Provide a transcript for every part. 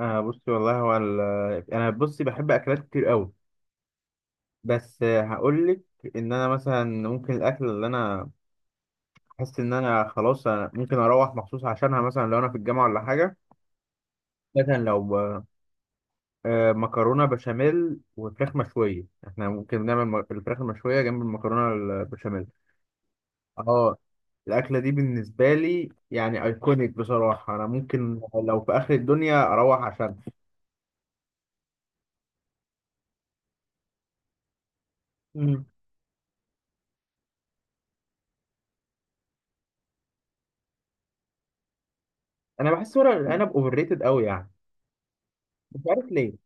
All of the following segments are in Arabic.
آه، بصي، والله انا بحب اكلات كتير قوي. بس هقول لك ان انا مثلا ممكن الاكل اللي انا احس ان انا خلاص ممكن اروح مخصوص عشانها، مثلا لو انا في الجامعه ولا حاجه. مثلا لو مكرونه بشاميل وفراخ مشويه، احنا ممكن نعمل الفراخ المشويه جنب المكرونه البشاميل. اه، الاكله دي بالنسبه لي يعني ايكونيك، بصراحه انا ممكن لو في اخر الدنيا اروح عشانها. مم. انا بحس ورق العنب اوفر ريتد قوي يعني، مش عارف ليه.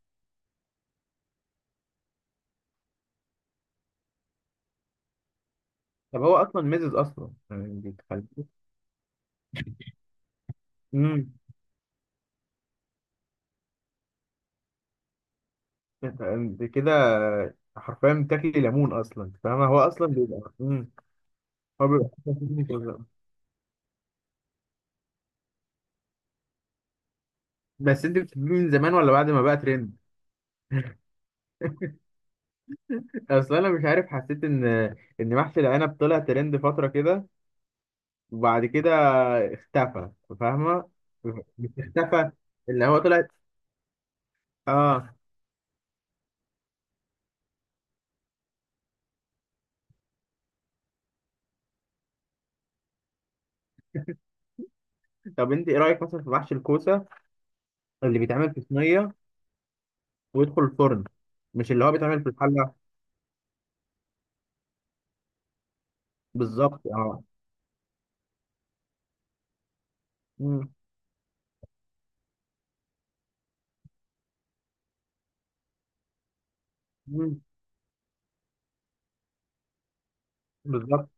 طب هو اصلا ميزز اصلا يعني بيتخليك... امم انت كده حرفيا بتاكلي ليمون اصلا، فاهمه؟ هو اصلا بيبقى هو بيبقى أحسن مني في الزمن. بس انت بتحبيه من زمان ولا بعد ما بقى ترند؟ اصلا انا مش عارف، حسيت ان محشي العنب طلع ترند فتره كده وبعد كده اختفى، فاهمه؟ مش اختفى، اللي هو طلع. اه. طب انت ايه رايك مثلا في محشي الكوسه اللي بيتعمل في صينيه ويدخل الفرن، مش اللي هو بيتعمل في الحله؟ بالظبط، اه. مم. بالظبط.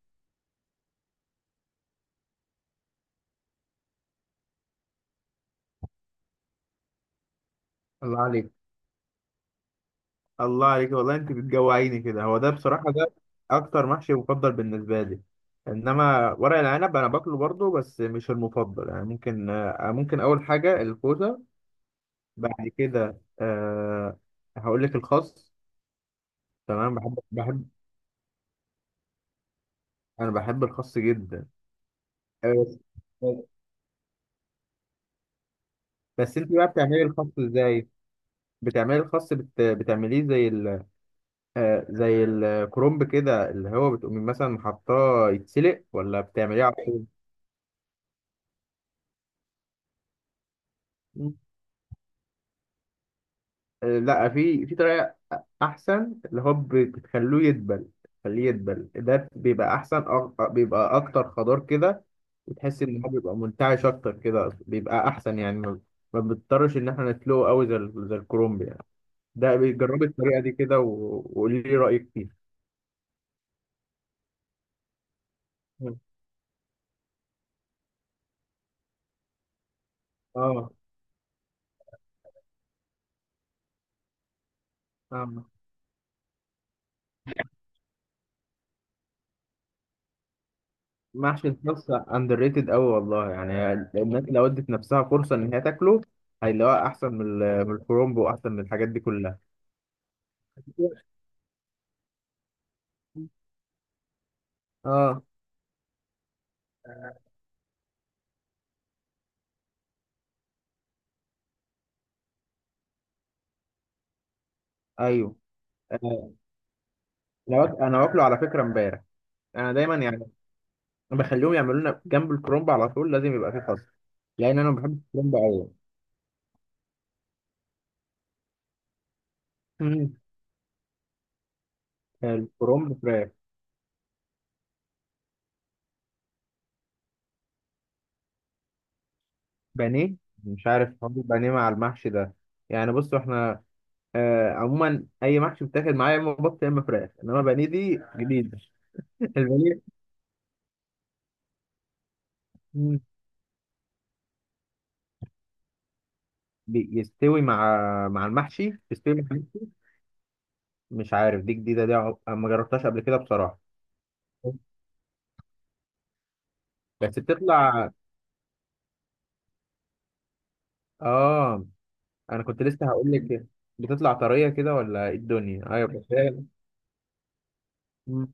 الله عليك، الله عليك والله، انت بتجوعيني كده. هو ده بصراحة ده اكتر محشي مفضل بالنسبة لي. انما ورق العنب انا باكله برضه بس مش المفضل، يعني ممكن ممكن اول حاجة الكوسة، بعد كده هقول لك الخس. تمام، بحب، انا بحب الخس جدا. آه، بس بس انت بقى بتعملي الخس ازاي؟ بتعملي الخس بتعمليه زي زي الكرنب كده اللي هو بتقوم مثلا حاطاه يتسلق، ولا بتعمليه على طول؟ مم. لا، في طريقة أحسن اللي هو بتخلوه يدبل. خليه يدبل، ده بيبقى أحسن، بيبقى أكتر خضار كده، وتحس إن هو بيبقى منتعش أكتر كده، بيبقى أحسن يعني ما بنضطرش إن إحنا نسلقه أوي زي زي الكرنب يعني. ده بيجربي الطريقة دي كده وقولي لي رأيك فيها. مم. اه، اه، محشي الكبسة اندر ريتد قوي والله، يعني الناس لو ادت نفسها فرصة ان هي تاكله هيلاقوها احسن من من الكرومب واحسن من الحاجات دي كلها. اه، ايوه. آه، انا واكله على فكره امبارح. انا دايما يعني بخليهم يعملوا لنا جنب الكرومب، على طول لازم يبقى فيه خس لان انا ما بحبش الكرومب قوي. مم. الكرومب فراخ. بانيه. مش عارف حوار البانيه مع المحشي ده، يعني بصوا احنا آه عموما اي محشي بتاكل معايا يا اما بط يا اما فراخ، انما بانيه دي جديده. البانيه. مم. بيستوي مع... مع المحشي، تستوي مع المحشي. مش عارف، دي جديده، ما جربتهاش قبل كده بصراحه. بس بتطلع، اه. انا كنت لسه هقول لك بتطلع طريه كده ولا ايه الدنيا. ايوه بس هي... مم.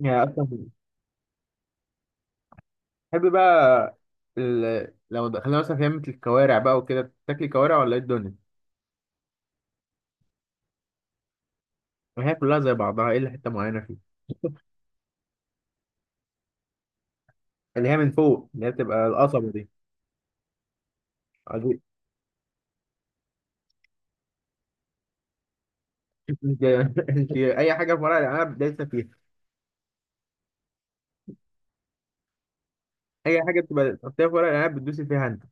يعني اصلا تحب بقى لو دخلنا مثلا في لمة الكوارع بقى وكده تاكلي كوارع ولا ايه الدنيا؟ ما هي كلها زي بعضها الا حته معينه فيه. اللي هي من فوق اللي هي بتبقى القصبه دي. آه، دي- انت انت اي حاجه في ورق العنب دايسه فيها. اي حاجه بتبقى تحطيها في ورق العنب بتدوسي فيها انت.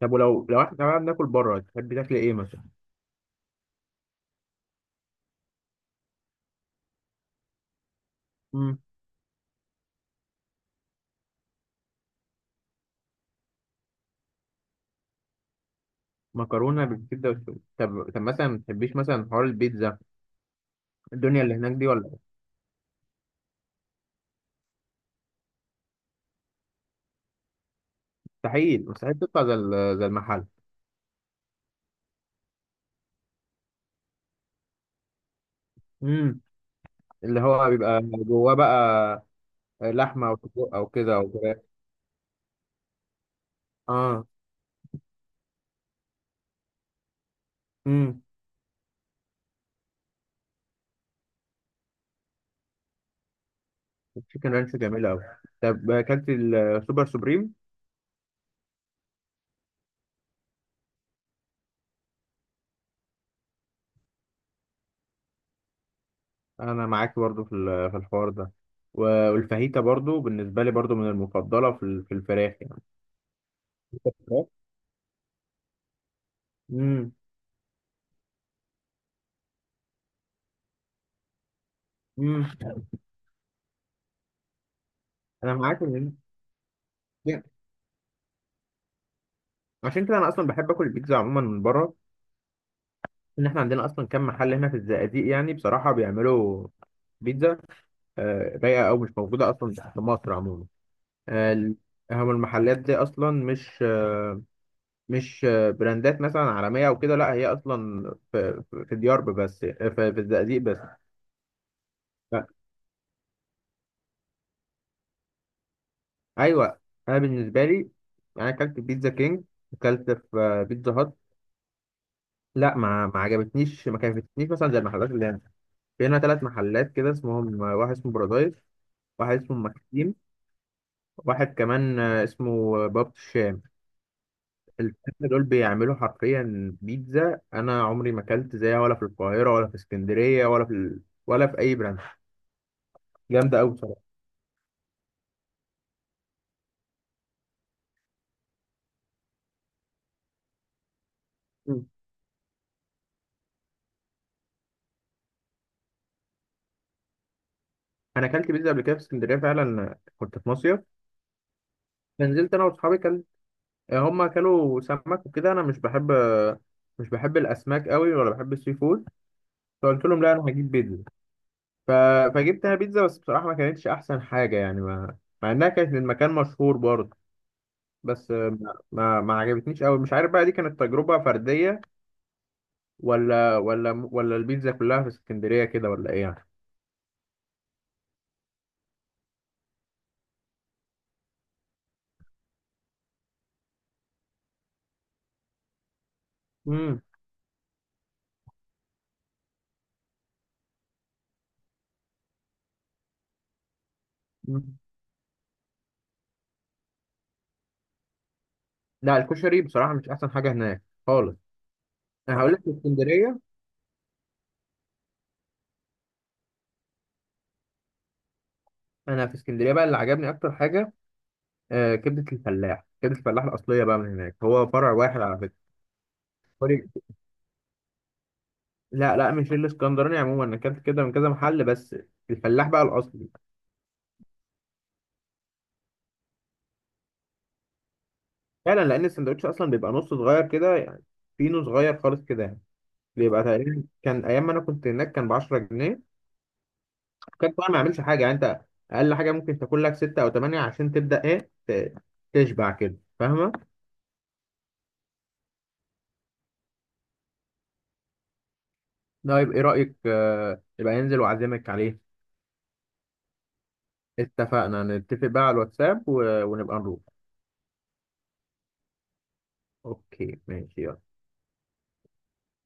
طب ولو احنا تمام ناكل بره، تحبي تاكلي ايه مثلا؟ امم. مكرونه بالكبده والسجق. طب مثلا ما تحبيش مثلا حوار البيتزا، الدنيا اللي هناك دي ولا؟ مستحيل تطلع زي زي المحل. امم. اللي هو بيبقى جواه بقى لحمه او سجق او كده او كده. اه. امم. التشيكن رانش جميله قوي. طب اكلت السوبر سوبريم؟ انا معاك برضو في في الحوار ده، والفاهيتا برضو بالنسبه لي برضو من المفضله في في الفراخ يعني. امم. امم. انا معاك ان... عشان كده انا اصلا بحب اكل البيتزا عموما من بره، ان احنا عندنا اصلا كم محل هنا في الزقازيق يعني بصراحه بيعملوا بيتزا رايقه، او مش موجوده اصلا في مصر عموما. آه، ال- هم المحلات دي اصلا مش براندات مثلا عالميه او كده، لا هي اصلا في ديار بس في الزقازيق بس. ف- ايوه، انا بالنسبه لي، انا اكلت في بيتزا كينج، اكلت في بيتزا هات. لا، ما عجبتنيش، ما كانتش مثلا زي المحلات اللي هنا. في هنا ثلاث محلات كده اسمهم، واحد اسمه بارادايس، واحد اسمه مكسيم، واحد كمان اسمه باب الشام. الثلاثة دول بيعملوا حرفيا بيتزا أنا عمري ما أكلت زيها ولا في القاهرة ولا في اسكندرية ولا في ولا في أي براند. جامدة أوي بصراحة. مم. أنا أكلت بيتزا قبل كده في اسكندرية فعلا كنت في مصيف، فنزلت أنا وأصحابي هما أكلوا سمك وكده، أنا مش بحب الأسماك أوي ولا بحب السي فود. فقلت لهم لا أنا هجيب بيتزا. ف... فجبتها بيتزا، بس بصراحة ما كانتش أحسن حاجة يعني ما... مع إنها كانت من مكان مشهور برضه. بس ما عجبتنيش أوي، مش عارف بقى دي كانت تجربة فردية ولا البيتزا كلها في اسكندرية كده، ولا إيه يعني؟ امم. امم. لا الكشري بصراحة مش أحسن حاجة هناك خالص. أنا هقول لك في اسكندرية، أنا في اسكندرية بقى اللي عجبني أكتر حاجة آه كبدة الفلاح، كبدة الفلاح الأصلية بقى من هناك، هو فرع واحد على فكرة. فرع- لا لا مش الاسكندراني عموما، أنا أكلت كده من كذا محل، بس الفلاح بقى الأصلي. فعلا لان السندوتش اصلا بيبقى نص صغير كده يعني، فينو صغير خالص كده يعني. بيبقى تقريبا كان ايام ما انا كنت هناك كان ب 10 جنيه، كان طبعا ما يعملش حاجه يعني. انت اقل حاجه ممكن تاكل لك 6 او 8 عشان تبدا ايه تشبع كده، فاهمه؟ ده يبقى ايه رايك يبقى ينزل واعزمك عليه. اتفقنا، نتفق بقى على الواتساب ونبقى نروح. اوكي ماشي يلا.